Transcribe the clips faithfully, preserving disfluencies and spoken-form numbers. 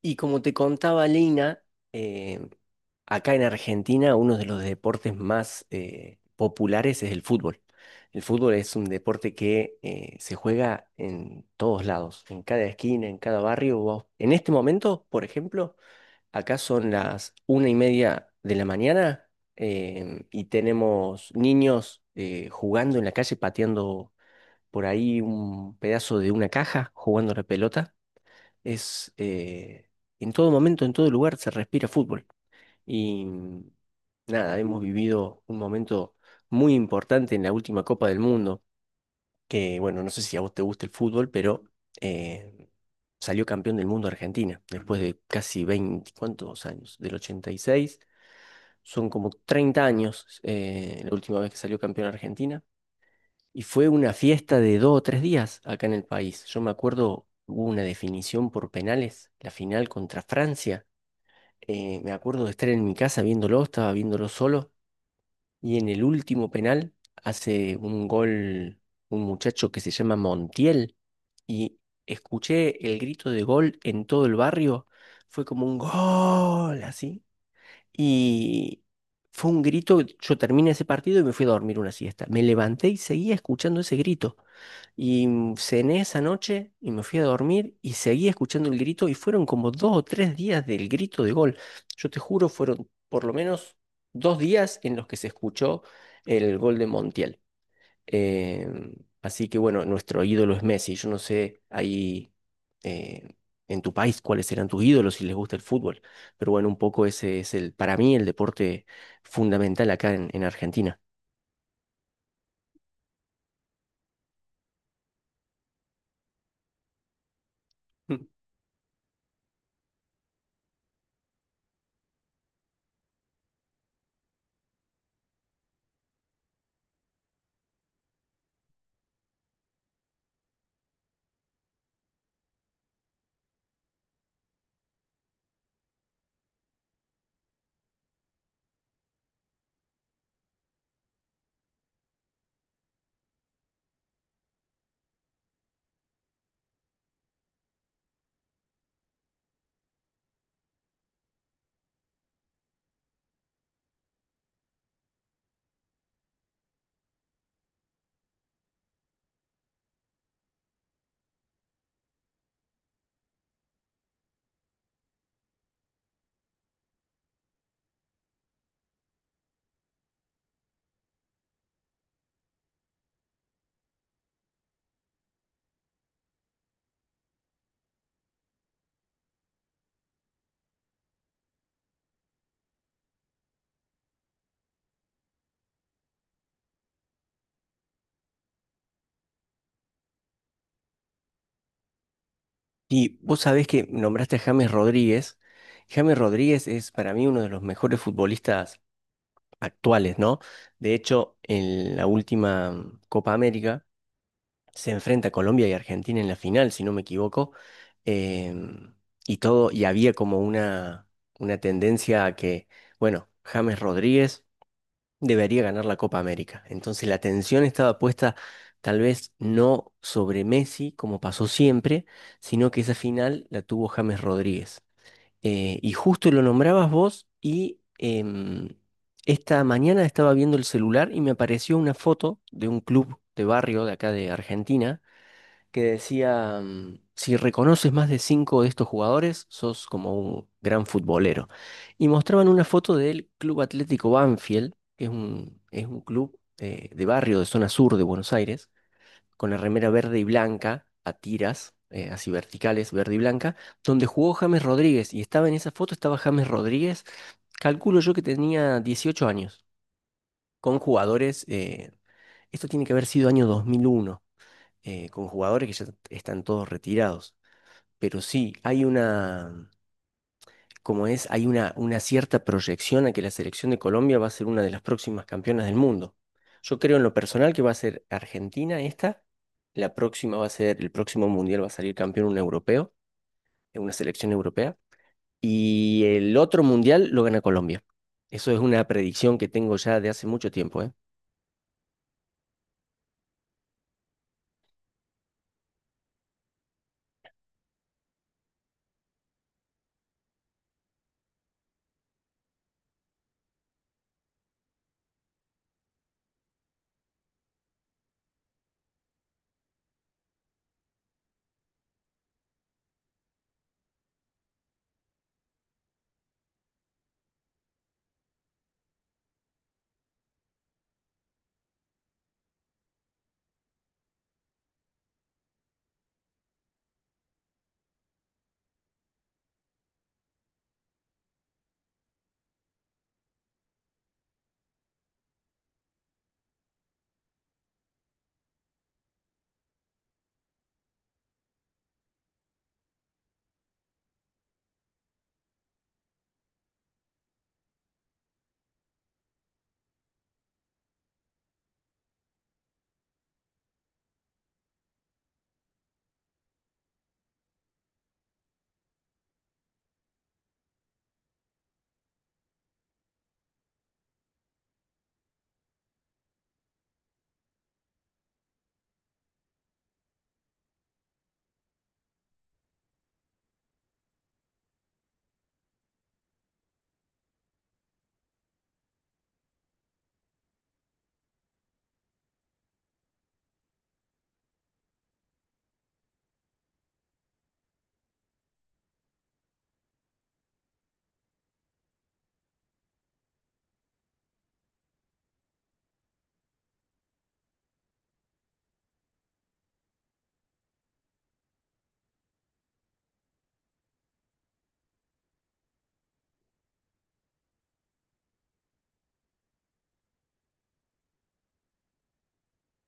Y como te contaba Lina, eh, acá en Argentina uno de los deportes más eh, populares es el fútbol. El fútbol es un deporte que eh, se juega en todos lados, en cada esquina, en cada barrio. Vos- En este momento, por ejemplo, acá son las una y media de la mañana, em, y tenemos niños eh, jugando en la calle, pateando por ahí un pedazo de una caja, jugando a la pelota. Es, eh, en todo momento, en todo lugar se respira fútbol. Y mm, nada, hemos vivido un momento muy importante en la última Copa del Mundo, que bueno, no sé si a vos te gusta el fútbol, pero eh, salió campeón del mundo Argentina, después de casi veinte ¿cuántos años? Del ochenta y seis, son como treinta años, eh, la última vez que salió campeón Argentina. Y fue una fiesta de dos o tres días acá en el país. Yo me acuerdo, hubo una definición por penales, la final contra Francia. Eh, me acuerdo de estar en mi casa viéndolo, estaba viéndolo solo. Y en el último penal hace un gol un muchacho que se llama Montiel. Y escuché el grito de gol en todo el barrio. Fue como un gol, así. Y fue un grito, yo terminé ese partido y me fui a dormir una siesta. Me levanté y seguía escuchando ese grito. Y mm, cené esa noche y me fui a dormir y seguí escuchando el grito y fueron como dos o tres días del grito de gol. Yo te juro, fueron por lo menos dos días en los que se escuchó el gol de Montiel. Em, así que bueno, nuestro ídolo es Messi. Yo no sé ahí, eh, en tu país cuáles serán tus ídolos si les gusta el fútbol, pero bueno, un poco ese es el, para mí, el deporte fundamental acá en, en Argentina. Y vos sabés que nombraste a James Rodríguez. James Rodríguez es para mí uno de los mejores futbolistas actuales, ¿no? De hecho, en la última Copa América se enfrenta a Colombia y Argentina en la final, si no me equivoco. em, y todo, y había como una, una tendencia a que, bueno, James Rodríguez debería ganar la Copa América. Entonces la atención estaba puesta tal vez no sobre Messi, como pasó siempre, sino que esa final la tuvo James Rodríguez. Eh, y justo lo nombrabas vos y, em, esta mañana estaba viendo el celular y me apareció una foto de un club de barrio de acá de Argentina que decía, mm, si reconoces más de cinco de estos jugadores, sos como un gran futbolero. Y mostraban una foto del Club Atlético Banfield, que es un, es un club eh, de barrio de zona sur de Buenos Aires, con la remera verde y blanca a tiras. Eh, así verticales, verde y blanca, donde jugó James Rodríguez, y estaba en esa foto, estaba James Rodríguez, calculo yo que tenía dieciocho años, con jugadores, eh, esto tiene que haber sido año dos mil uno, eh, con jugadores que ya están todos retirados. Pero sí, hay una, como es, hay una, una cierta proyección a que la selección de Colombia va a ser una de las próximas campeonas del mundo. Yo creo en lo personal que va a ser Argentina esta, la próxima va a ser, el próximo mundial va a salir campeón un europeo, eh, una selección europea, y el otro mundial lo gana Colombia. Eso es una predicción que tengo ya de hace mucho tiempo, ¿eh?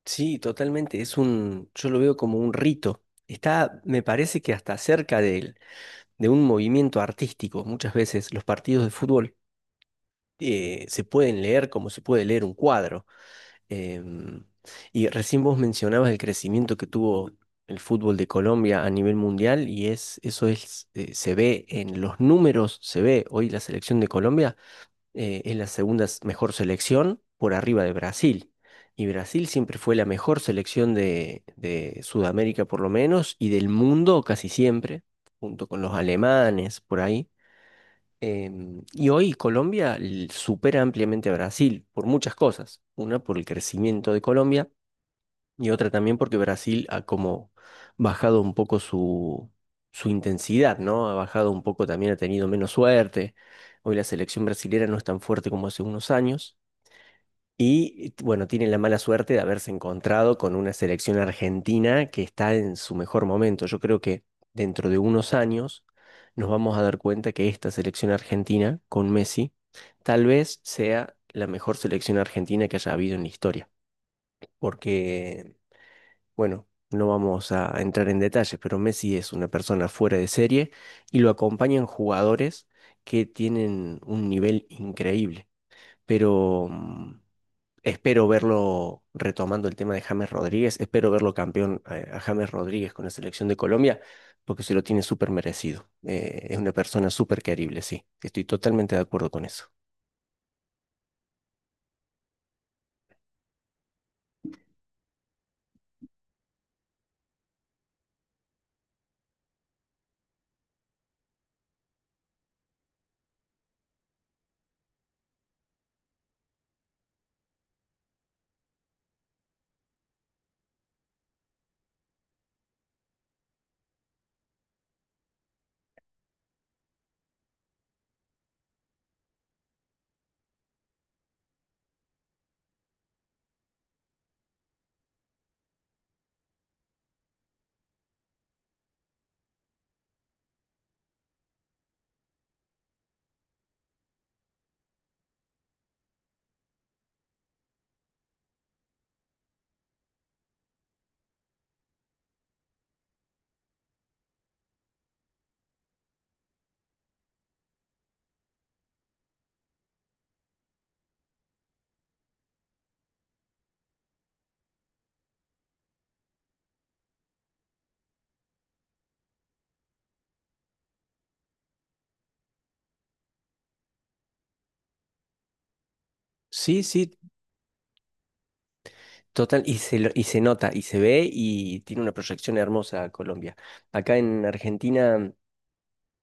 Sí, totalmente. Es un, yo lo veo como un rito. Está, me parece que hasta cerca de él de un movimiento artístico. Muchas veces los partidos de fútbol eh, se pueden leer como se puede leer un cuadro. Em, y recién vos mencionabas el crecimiento que tuvo el fútbol de Colombia a nivel mundial y es, eso es, eh, se ve en los números, se ve hoy la selección de Colombia eh, es la segunda s- mejor selección por arriba de Brasil. Y Brasil siempre fue la mejor selección de, de Sudamérica por lo menos y del mundo casi siempre, junto con los alemanes por ahí. Em, y hoy Colombia l- supera ampliamente a Brasil por muchas cosas. Una por el crecimiento de Colombia y otra también porque Brasil ha como bajado un poco su, su intensidad, ¿no? Ha bajado un poco también, ha tenido menos suerte. Hoy la selección brasilera no es tan fuerte como hace unos años. Y bueno, tiene la mala suerte de haberse encontrado con una selección argentina que está en su mejor momento. Yo creo que dentro de unos años nos vamos a dar cuenta que esta selección argentina con Messi tal vez sea la mejor selección argentina que haya habido en la historia. Porque, bueno, no vamos a entrar en detalles, pero Messi es una persona fuera de serie y lo acompañan jugadores que tienen un nivel increíble. Pero... mm, Espero verlo retomando el tema de James Rodríguez, espero verlo campeón, eh, a James Rodríguez con la selección de Colombia, porque se lo tiene súper merecido. Eh, es una persona súper querible, sí. Estoy totalmente de acuerdo con eso. Sí, sí, total, y se, lo- y se nota, y se ve, y tiene una proyección hermosa Colombia. Acá en Argentina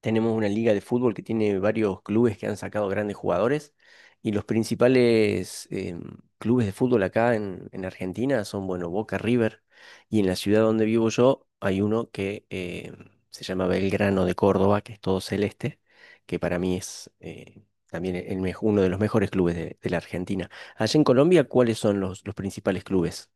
tenemos una liga de fútbol que tiene varios clubes que han sacado grandes jugadores y los principales, em, clubes de fútbol acá en, en Argentina son, bueno, Boca River, y en la ciudad donde vivo yo hay uno que, em, se llama Belgrano de Córdoba, que es todo celeste, que para mí es, eh, también el, mej- uno de los mejores clubes de, de la Argentina. Allá en Colombia, ¿cuáles son los, los principales clubes?